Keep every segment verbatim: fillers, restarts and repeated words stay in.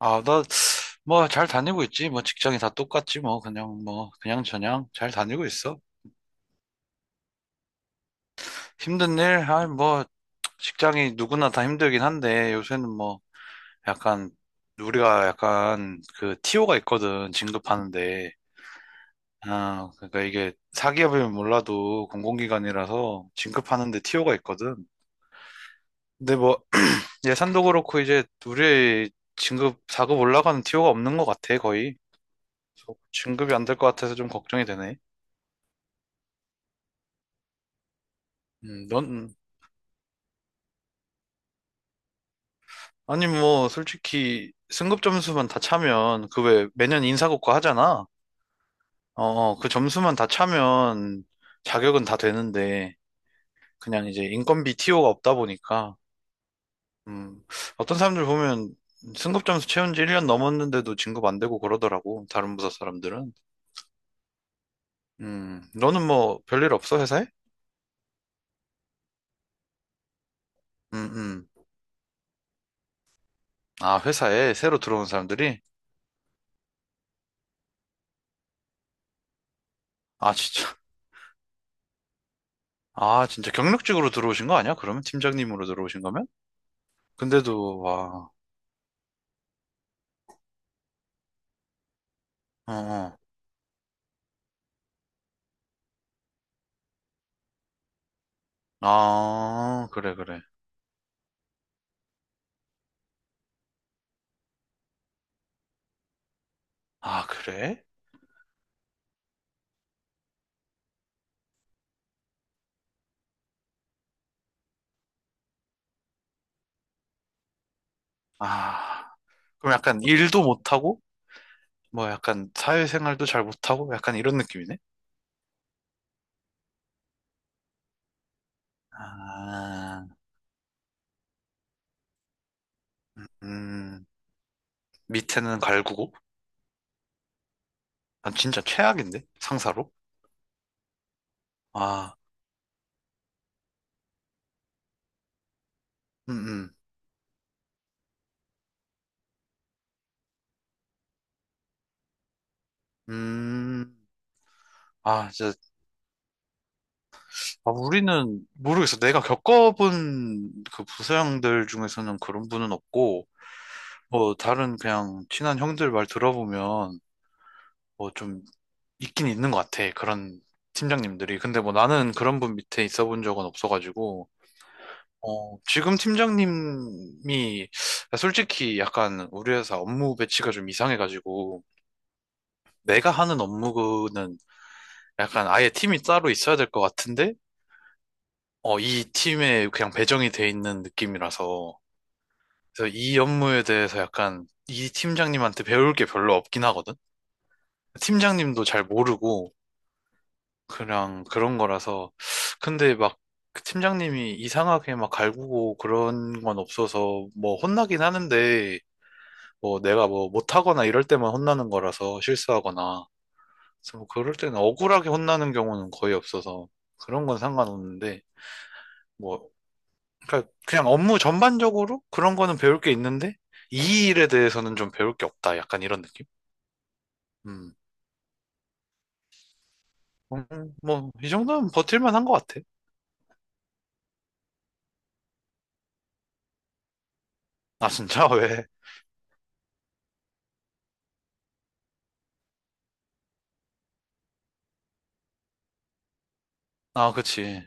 아, 나, 뭐, 잘 다니고 있지. 뭐, 직장이 다 똑같지. 뭐, 그냥, 뭐, 그냥 저냥 잘 다니고 있어. 힘든 일? 아, 뭐, 직장이 누구나 다 힘들긴 한데, 요새는 뭐, 약간, 우리가 약간, 그, 티오가 있거든. 진급하는데. 아, 그러니까 이게, 사기업이면 몰라도 공공기관이라서 진급하는데 티오가 있거든. 근데 뭐, 예산도 그렇고, 이제, 우리 진급, 사 급 올라가는 티오가 없는 것 같아, 거의. 그래서 진급이 안 될 것 같아서 좀 걱정이 되네. 음, 넌, 아니, 뭐, 솔직히, 승급 점수만 다 차면, 그 왜, 매년 인사고과 하잖아? 어, 어, 그 점수만 다 차면, 자격은 다 되는데, 그냥 이제 인건비 티오가 없다 보니까, 음, 어떤 사람들 보면, 승급 점수 채운 지 일 년 넘었는데도 진급 안 되고 그러더라고, 다른 부서 사람들은. 음, 너는 뭐, 별일 없어, 회사에? 음, 음. 아, 회사에 새로 들어온 사람들이? 아, 진짜. 아, 진짜 경력직으로 들어오신 거 아니야? 그러면 팀장님으로 들어오신 거면? 근데도, 와. 어, 어. 아, 그래, 그래. 아, 그래? 아, 그럼 약간 일도 못하고, 뭐 약간 사회생활도 잘 못하고, 약간 이런 느낌이네? 아, 음, 밑에는 갈구고, 난 진짜 최악인데? 상사로? 아, 음, 음, 음. 아, 진짜, 아, 우리는 모르겠어. 내가 겪어본 그 부서형들 중에서는 그런 분은 없고, 뭐, 다른 그냥 친한 형들 말 들어보면, 뭐좀 있긴 있는 것 같아. 그런 팀장님들이. 근데 뭐 나는 그런 분 밑에 있어 본 적은 없어가지고, 어, 지금 팀장님이 솔직히 약간 우리 회사 업무 배치가 좀 이상해가지고, 내가 하는 업무는 약간 아예 팀이 따로 있어야 될 것 같은데, 어, 이 팀에 그냥 배정이 돼 있는 느낌이라서, 그래서 이 업무에 대해서 약간 이 팀장님한테 배울 게 별로 없긴 하거든? 팀장님도 잘 모르고, 그냥 그런 거라서. 근데 막 팀장님이 이상하게 막 갈구고 그런 건 없어서 뭐 혼나긴 하는데 뭐 내가 뭐 못하거나 이럴 때만 혼나는 거라서 실수하거나. 그래서 뭐 그럴 때는 억울하게 혼나는 경우는 거의 없어서 그런 건 상관없는데 뭐 그러니까 그냥 업무 전반적으로 그런 거는 배울 게 있는데 이 일에 대해서는 좀 배울 게 없다. 약간 이런 느낌? 음. 음, 뭐, 이 정도면 버틸만 한 것 같아. 아, 진짜? 왜? 아, 그치.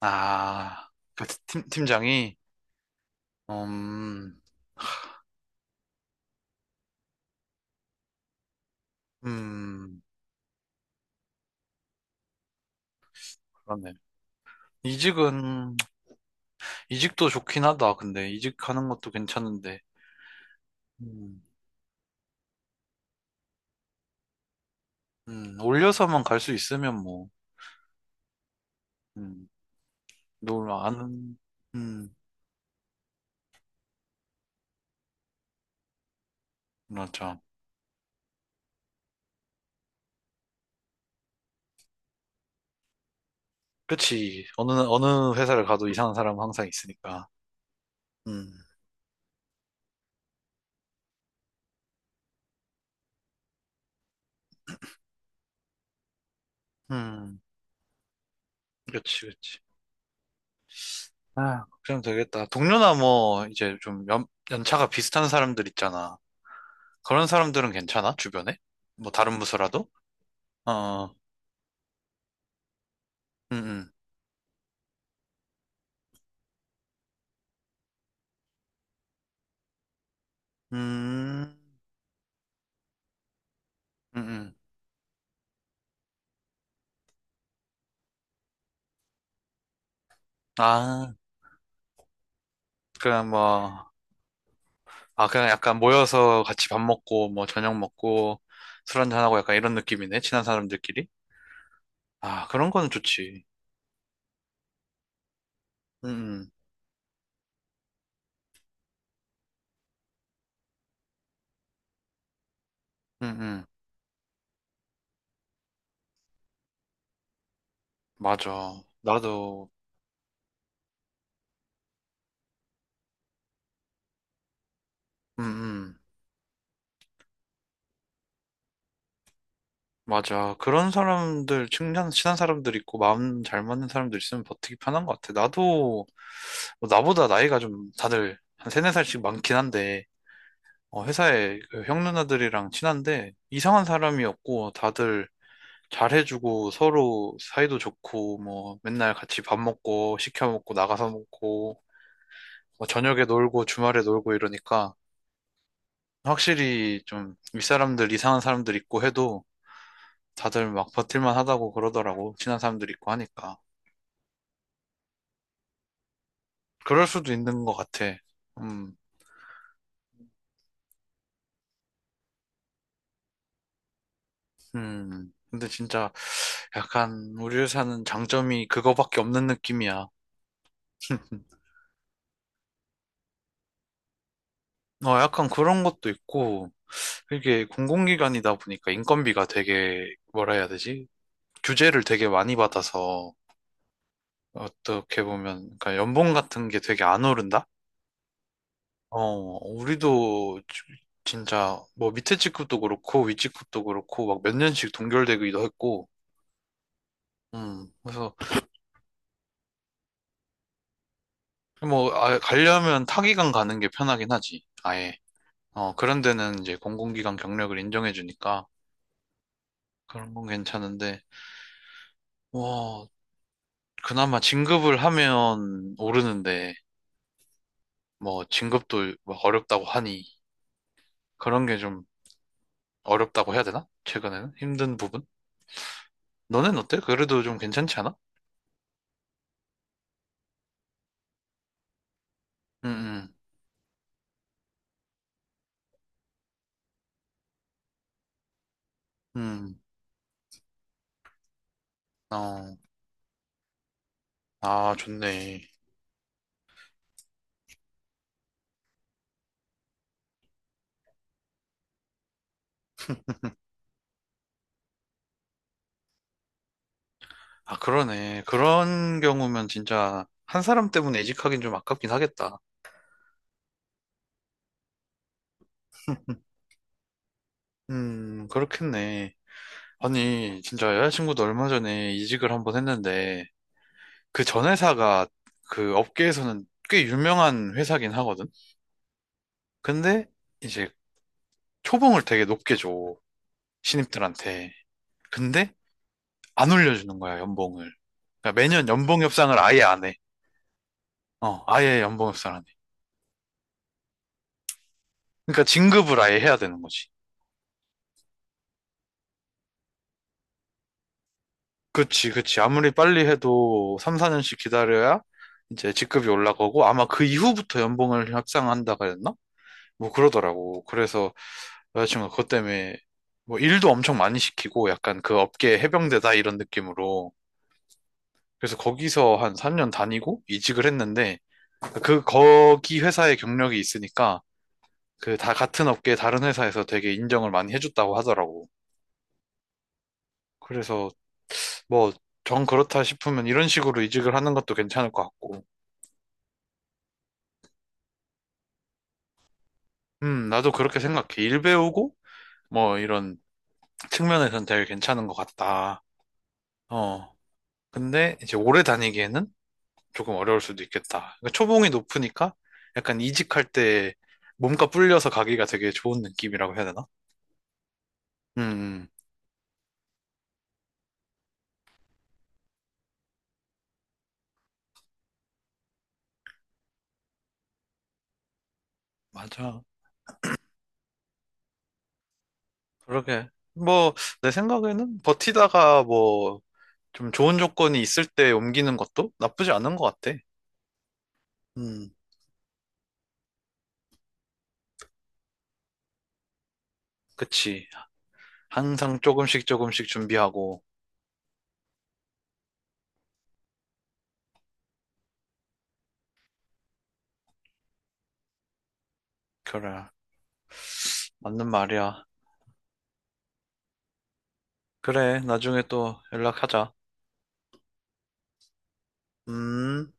아, 그 팀, 팀장이, 음, 음, 그러네. 이직은, 이직도 좋긴 하다. 근데 이직하는 것도 괜찮은데, 음, 음, 올려서만 갈 수 있으면 뭐, 음, 놀 아는, 음, 맞아. 그치. 어느, 어느 회사를 가도 이상한 사람은 항상 있으니까. 음, 음, 그치, 그치. 아, 걱정되겠다. 동료나 뭐, 이제 좀 연, 연차가 비슷한 사람들 있잖아. 그런 사람들은 괜찮아? 주변에? 뭐 다른 부서라도? 어, 어. 음, 음, 음, 음, 음. 아, 그냥 뭐, 아, 그냥 약간 모여서 같이 밥 먹고, 뭐, 저녁 먹고, 술 한잔하고 약간 이런 느낌이네, 친한 사람들끼리. 아, 그런 거는 좋지. 음, 음, 음, 음. 맞아. 나도, 음, 음. 맞아. 그런 사람들, 친한, 친한 사람들 있고, 마음 잘 맞는 사람들 있으면 버티기 편한 것 같아. 나도, 뭐 나보다 나이가 좀 다들 한 세네 살씩 많긴 한데, 어, 회사에 그형 누나들이랑 친한데 이상한 사람이었고 다들 잘해주고 서로 사이도 좋고 뭐 맨날 같이 밥 먹고 시켜 먹고 나가서 먹고 뭐 저녁에 놀고 주말에 놀고 이러니까 확실히 좀 윗사람들 이상한 사람들 있고 해도 다들 막 버틸만 하다고 그러더라고 친한 사람들 있고 하니까. 그럴 수도 있는 것 같아. 음. 음. 근데 진짜 약간 우리 회사는 장점이 그거밖에 없는 느낌이야. 어, 약간 그런 것도 있고, 이게 공공기관이다 보니까 인건비가 되게, 뭐라 해야 되지? 규제를 되게 많이 받아서, 어떻게 보면, 그러니까 연봉 같은 게 되게 안 오른다? 어, 우리도 지- 진짜, 뭐 밑에 직급도 그렇고, 위 직급도 그렇고, 막 몇 년씩 동결되기도 했고, 음, 그래서, 뭐, 아, 가려면 타기관 가는 게 편하긴 하지, 아예. 어, 그런 데는 이제 공공기관 경력을 인정해주니까, 그런 건 괜찮은데, 와, 그나마 진급을 하면 오르는데, 뭐, 진급도 막 어렵다고 하니, 그런 게 좀 어렵다고 해야 되나? 최근에는? 힘든 부분? 너는 어때? 그래도 좀 괜찮지 않아? 응, 응, 응, 어, 아, 좋네. 아, 그러네. 그런 경우면 진짜 한 사람 때문에 이직하긴 좀 아깝긴 하겠다. 음, 그렇겠네. 아니, 진짜 여자친구도 얼마 전에 이직을 한번 했는데, 그 전 회사가 그 업계에서는 꽤 유명한 회사긴 하거든? 근데 이제 초봉을 되게 높게 줘. 신입들한테. 근데 안 올려주는 거야, 연봉을. 그러니까 매년 연봉 협상을 아예 안 해. 어, 아예 연봉 협상을 안 해. 그러니까 진급을 아예 해야 되는 거지. 그치, 그치. 아무리 빨리 해도 삼, 사 년씩 기다려야 이제 직급이 올라가고 아마 그 이후부터 연봉을 협상한다고 했나? 뭐 그러더라고. 그래서 여자친구가 그것 때문에 뭐 일도 엄청 많이 시키고 약간 그 업계 해병대다 이런 느낌으로 그래서 거기서 한 삼 년 다니고 이직을 했는데 그 거기 회사에 경력이 있으니까 그 다 같은 업계 다른 회사에서 되게 인정을 많이 해줬다고 하더라고. 그래서 뭐 정 그렇다 싶으면 이런 식으로 이직을 하는 것도 괜찮을 것 같고. 음, 나도 그렇게 생각해. 일 배우고 뭐 이런 측면에서는 되게 괜찮은 것 같다. 어. 근데 이제 오래 다니기에는 조금 어려울 수도 있겠다. 그러니까 초봉이 높으니까 약간 이직할 때 몸값 불려서 가기가 되게 좋은 느낌이라고 해야 되나? 음, 음. 맞아. 그러게. 뭐, 내 생각에는 버티다가 뭐, 좀 좋은 조건이 있을 때 옮기는 것도 나쁘지 않은 것 같아. 음, 그치. 항상 조금씩 조금씩 준비하고. 그래. 맞는 말이야. 그래. 나중에 또 연락하자. 음.